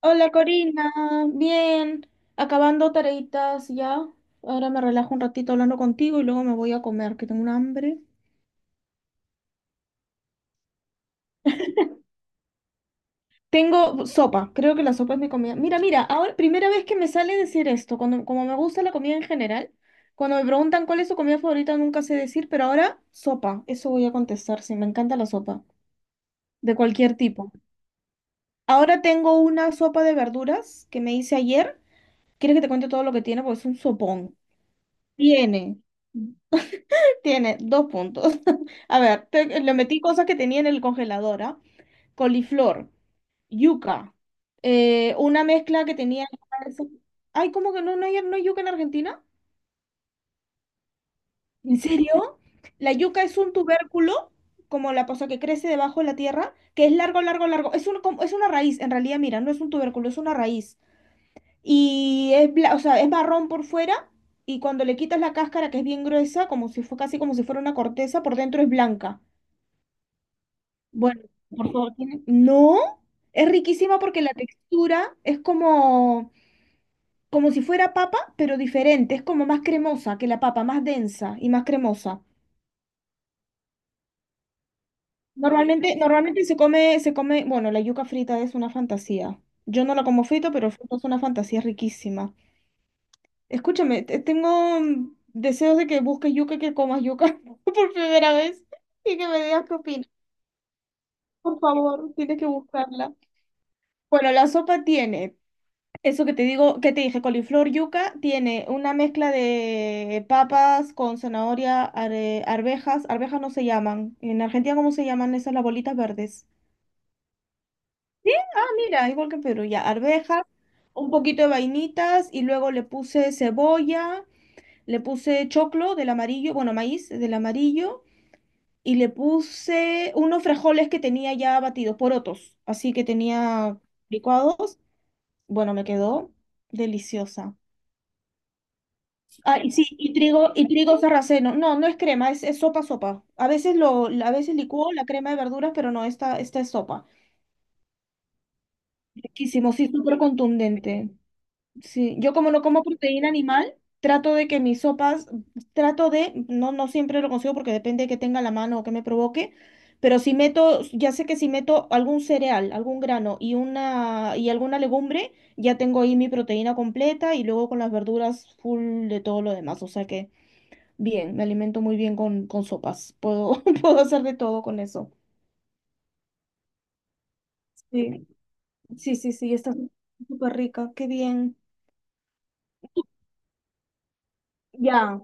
Hola Corina, bien, acabando tareitas ya. Ahora me relajo un ratito hablando contigo y luego me voy a comer, que tengo un hambre. Tengo sopa, creo que la sopa es mi comida. Mira, mira, ahora primera vez que me sale decir esto, cuando, como me gusta la comida en general, cuando me preguntan cuál es su comida favorita nunca sé decir, pero ahora sopa, eso voy a contestar, sí, me encanta la sopa, de cualquier tipo. Ahora tengo una sopa de verduras que me hice ayer. ¿Quieres que te cuente todo lo que tiene? Porque es un sopón. Tiene. Tiene dos puntos. A ver, le metí cosas que tenía en el congelador, ¿ah? Coliflor, yuca, una mezcla que tenía. Ay, ¿cómo que no no hay yuca en Argentina? ¿En serio? La yuca es un tubérculo, como la cosa que crece debajo de la tierra, que es largo, largo, largo. Es un, es una raíz, en realidad, mira, no es un tubérculo, es una raíz. Y es, o sea, es marrón por fuera y cuando le quitas la cáscara, que es bien gruesa, como si fue casi como si fuera una corteza, por dentro es blanca. Bueno, por favor, No, es riquísima porque la textura es como, como si fuera papa, pero diferente, es como más cremosa que la papa, más densa y más cremosa. Normalmente, normalmente se come, bueno, la yuca frita es una fantasía. Yo no la como frita, pero frita es una fantasía riquísima. Escúchame, tengo deseos de que busques yuca y que comas yuca por primera vez y que me digas qué opinas. Por favor, tienes que buscarla. Bueno, la sopa tiene eso que te digo, que te dije, coliflor yuca tiene una mezcla de papas con zanahoria, arvejas, arvejas no se llaman. En Argentina, ¿cómo se llaman esas las bolitas verdes? Ah, mira, igual que en Perú, ya, arvejas, un poquito de vainitas y luego le puse cebolla, le puse choclo del amarillo, bueno, maíz del amarillo y le puse unos frijoles que tenía ya batidos, porotos, así que tenía licuados. Bueno, me quedó deliciosa. Ah, y sí, y trigo sarraceno. No, no es crema, es sopa, sopa. A veces licúo la crema de verduras, pero no, esta es sopa. Riquísimo, sí, súper contundente. Sí, yo como no como proteína animal, trato de que mis sopas, trato de, no, no siempre lo consigo porque depende de que tenga a la mano o que me provoque, pero si meto, ya sé que si meto algún cereal, algún grano y una, y alguna legumbre, ya tengo ahí mi proteína completa y luego con las verduras full de todo lo demás. O sea que bien, me alimento muy bien con sopas. Puedo, puedo hacer de todo con eso. Sí, sí, sí, sí, está súper rica, qué bien. Ya.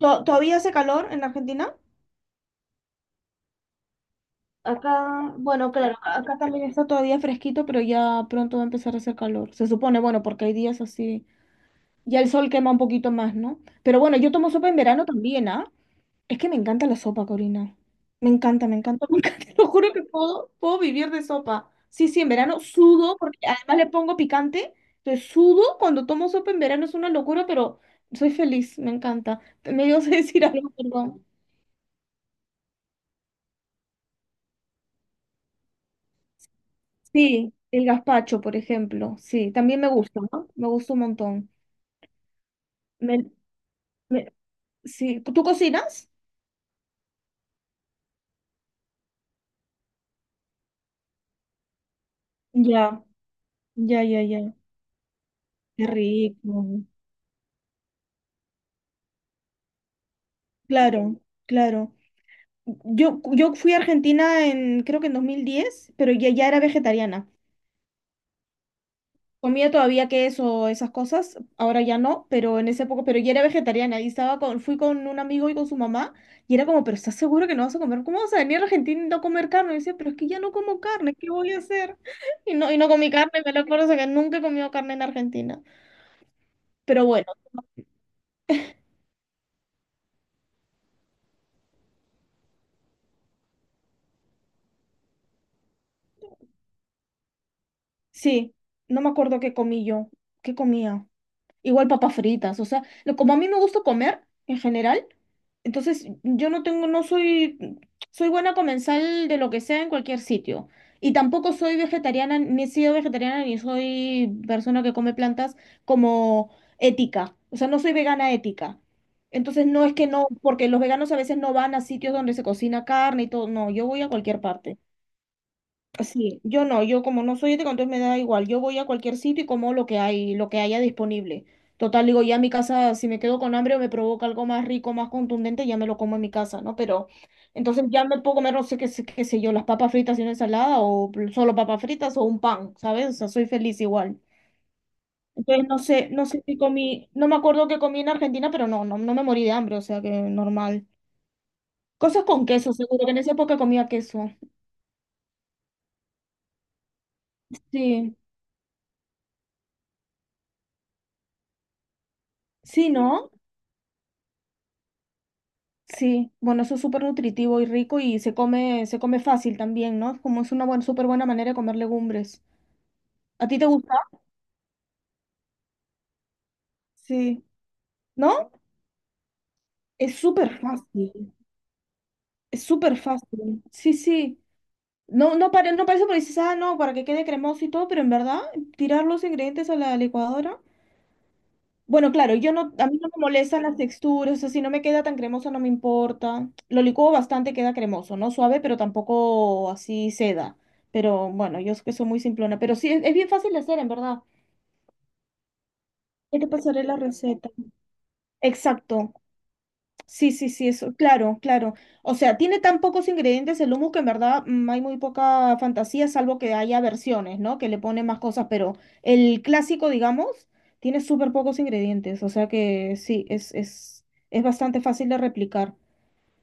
¿Todavía hace calor en Argentina? Acá, bueno, claro, acá también está todavía fresquito, pero ya pronto va a empezar a hacer calor. Se supone, bueno, porque hay días así. Ya el sol quema un poquito más, ¿no? Pero bueno, yo tomo sopa en verano también, ¿ah? Es que me encanta la sopa, Corina. Me encanta, me encanta. Te lo juro que puedo, puedo vivir de sopa. Sí, sí, en verano sudo, porque además le pongo picante. Entonces sudo cuando tomo sopa en verano, es una locura, pero soy feliz, me encanta. Me dio a decir algo, perdón. Sí, el gazpacho, por ejemplo. Sí, también me gusta, ¿no? Me gusta un montón. Me- me- sí. ¿Tú cocinas? Ya, ya, ya, ya. Qué rico. Claro, claro. Yo fui a Argentina en, creo que en 2010 pero ya, ya era vegetariana. Comía todavía queso, esas cosas, ahora ya no, pero en esa época, pero ya era vegetariana y estaba con, fui con un amigo y con su mamá y era como, pero ¿estás seguro que no vas a comer? ¿Cómo vas a venir a Argentina y no comer carne? Y decía, pero es que ya no como carne, ¿qué voy a hacer? Y no comí carne, me lo acuerdo, o sea, que nunca he comido carne en Argentina. Pero bueno, sí, no me acuerdo qué comí yo, qué comía. Igual papas fritas, o sea, como a mí me gusta comer en general, entonces yo no tengo, no soy, soy buena comensal de lo que sea en cualquier sitio. Y tampoco soy vegetariana, ni he sido vegetariana, ni soy persona que come plantas como ética. O sea, no soy vegana ética. Entonces no es que no, porque los veganos a veces no van a sitios donde se cocina carne y todo, no, yo voy a cualquier parte. Sí, yo no, yo como no soy ética, entonces me da igual. Yo voy a cualquier sitio y como lo que hay, lo que haya disponible. Total, digo, ya en mi casa, si me quedo con hambre o me provoca algo más rico, más contundente, ya me lo como en mi casa, ¿no? Pero entonces ya me puedo comer, no sé qué, qué sé yo, las papas fritas y una ensalada o solo papas fritas o un pan, ¿sabes? O sea, soy feliz igual. Entonces no sé, no sé si comí, no me acuerdo qué comí en Argentina, pero no, no, no me morí de hambre, o sea que normal. Cosas con queso, seguro que en esa época comía queso. Sí, sí, ¿no? Sí, bueno, eso es súper nutritivo y rico y se come fácil también, ¿no? Como es una buena, súper buena manera de comer legumbres. ¿A ti te gusta? Sí. ¿No? Es súper fácil. Es súper fácil. Sí, sí. No, no, no parece porque dices, ah, no, para que quede cremoso y todo, pero en verdad, tirar los ingredientes a la licuadora. Bueno, claro, yo no, a mí no me molestan las texturas, o sea, si no me queda tan cremoso no me importa. Lo licuo bastante, queda cremoso, no suave, pero tampoco así seda. Pero bueno, yo es que soy muy simplona, pero sí, es bien fácil de hacer, en verdad. Ya te pasaré la receta. Exacto. Sí, sí, sí, eso, claro, claro. O sea, tiene tan pocos ingredientes el hummus que en verdad hay muy poca fantasía, salvo que haya versiones, ¿no? Que le ponen más cosas, pero el clásico, digamos, tiene súper pocos ingredientes, o sea que sí, es bastante fácil de replicar.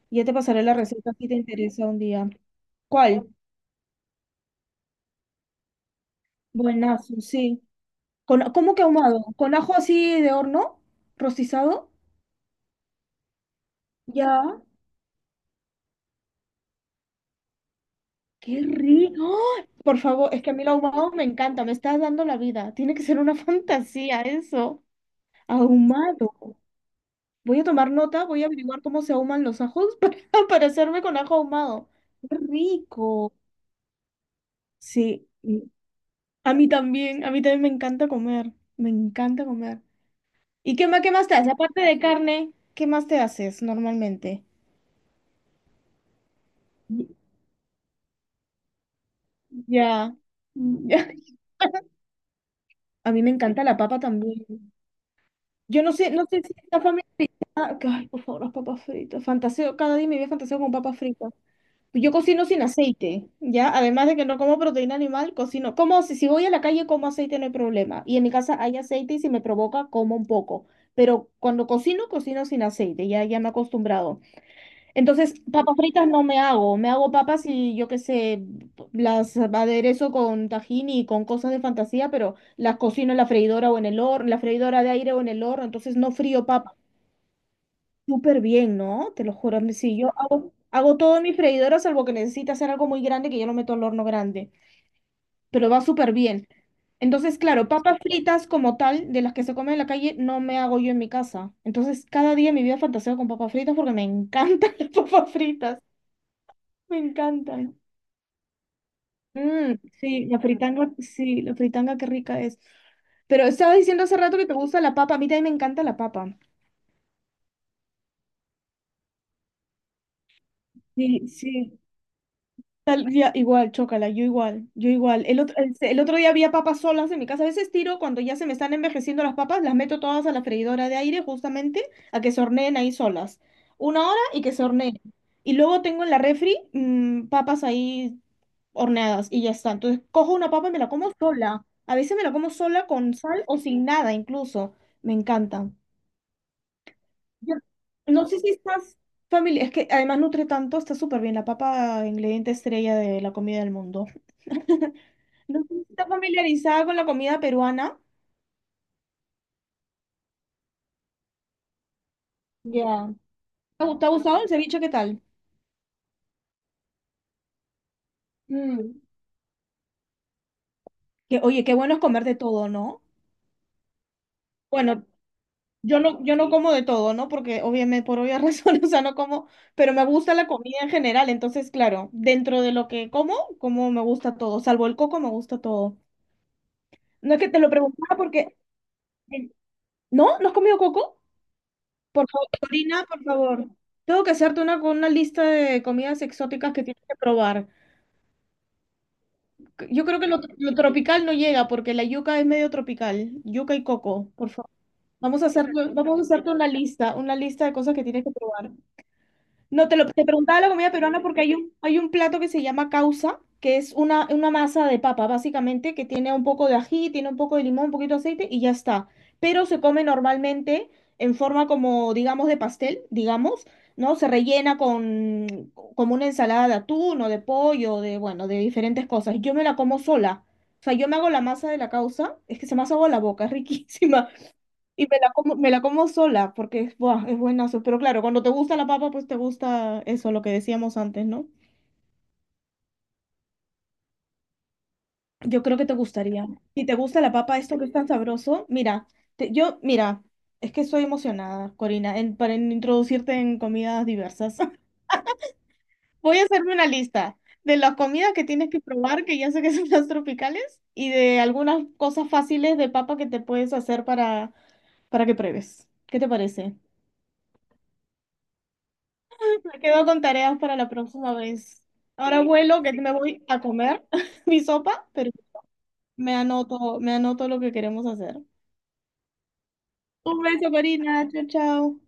Ya te pasaré la receta si te interesa un día. ¿Cuál? Buenazo, sí. Con, ¿cómo que ahumado? ¿Con ajo así de horno? ¿Rostizado? Ya. ¡Qué rico! ¡Oh! Por favor, es que a mí el ahumado me encanta, me estás dando la vida. Tiene que ser una fantasía eso. Ahumado. Voy a tomar nota, voy a averiguar cómo se ahuman los ajos para hacerme con ajo ahumado. ¡Qué rico! Sí, a mí también me encanta comer, me encanta comer. ¿Y qué más te haces? Aparte de carne, ¿qué más te haces normalmente? Y- Ya. Ya. A mí me encanta la papa también. Yo no sé, no sé si está familiarizado. Ah, ay, por favor, las papas fritas. Fantaseo, cada día me voy a fantaseo con papas fritas. Yo cocino sin aceite, ¿ya? Además de que no como proteína animal, cocino. Como si, si voy a la calle, como aceite, no hay problema. Y en mi casa hay aceite y si me provoca, como un poco. Pero cuando cocino, cocino sin aceite, ya, ya me he acostumbrado. Entonces, papas fritas no me hago. Me hago papas y yo qué sé, las aderezo con tajín y con cosas de fantasía, pero las cocino en la freidora o en el horno, en la freidora de aire o en el horno, entonces no frío papas. Súper bien, ¿no? Te lo juro. Sí, yo hago, hago todo en mi freidora, salvo que necesita hacer algo muy grande que yo lo meto al horno grande. Pero va súper bien. Entonces, claro, papas fritas como tal, de las que se comen en la calle, no me hago yo en mi casa. Entonces, cada día en mi vida fantaseo con papas fritas porque me encantan las papas fritas. Me encantan. Mm, sí, la fritanga, qué rica es. Pero estabas diciendo hace rato que te gusta la papa. A mí también me encanta la papa. Sí, sí. Igual, chócala, yo igual, yo igual. El otro día había papas solas en mi casa. A veces tiro cuando ya se me están envejeciendo las papas, las meto todas a la freidora de aire justamente a que se horneen ahí solas. Una hora y que se horneen. Y luego tengo en la refri papas ahí horneadas y ya está. Entonces cojo una papa y me la como sola. A veces me la como sola con sal o sin nada incluso. Me encanta. Yo No sé si estás familiar, es que además nutre tanto, está súper bien, la papa ingrediente estrella de la comida del mundo. No sé si estás familiarizada con la comida peruana. Ya. Te ha gustado el ceviche? ¿Qué tal? Mm, Que, oye, qué bueno es comer de todo, ¿no? Bueno, yo no, yo no como de todo, ¿no? Porque obviamente por obvias razones, o sea, no como, pero me gusta la comida en general, entonces, claro, dentro de lo que como, como me gusta todo, salvo el coco, me gusta todo. No es que te lo preguntaba porque, ¿no? ¿No has comido coco? Por favor, Corina, por favor. Tengo que hacerte una con una lista de comidas exóticas que tienes que probar. Yo creo que lo tropical no llega porque la yuca es medio tropical. Yuca y coco, por favor. Vamos a hacer, vamos a hacerte una lista de cosas que tienes que probar. No, te lo te preguntaba la comida peruana porque hay hay un plato que se llama causa, que es una masa de papa, básicamente, que tiene un poco de ají, tiene un poco de limón, un poquito de aceite y ya está. Pero se come normalmente en forma como, digamos, de pastel, digamos, ¿no? Se rellena con como una ensalada de atún o de pollo, de, bueno, de diferentes cosas. Yo me la como sola. O sea, yo me hago la masa de la causa, es que se me hace agua la boca, es riquísima. Y me la como sola porque es, buah, es buenazo. Pero claro, cuando te gusta la papa, pues te gusta eso, lo que decíamos antes, ¿no? Yo creo que te gustaría. Si te gusta la papa, esto que es tan sabroso, mira, mira, es que estoy emocionada, Corina, para introducirte en comidas diversas. Voy a hacerme una lista de las comidas que tienes que probar, que ya sé que son las tropicales, y de algunas cosas fáciles de papa que te puedes hacer para que pruebes. ¿Qué te parece? Me quedo con tareas para la próxima vez. Ahora sí. Vuelo que me voy a comer mi sopa, pero me anoto lo que queremos hacer. Un beso, Corina. Chao, chao.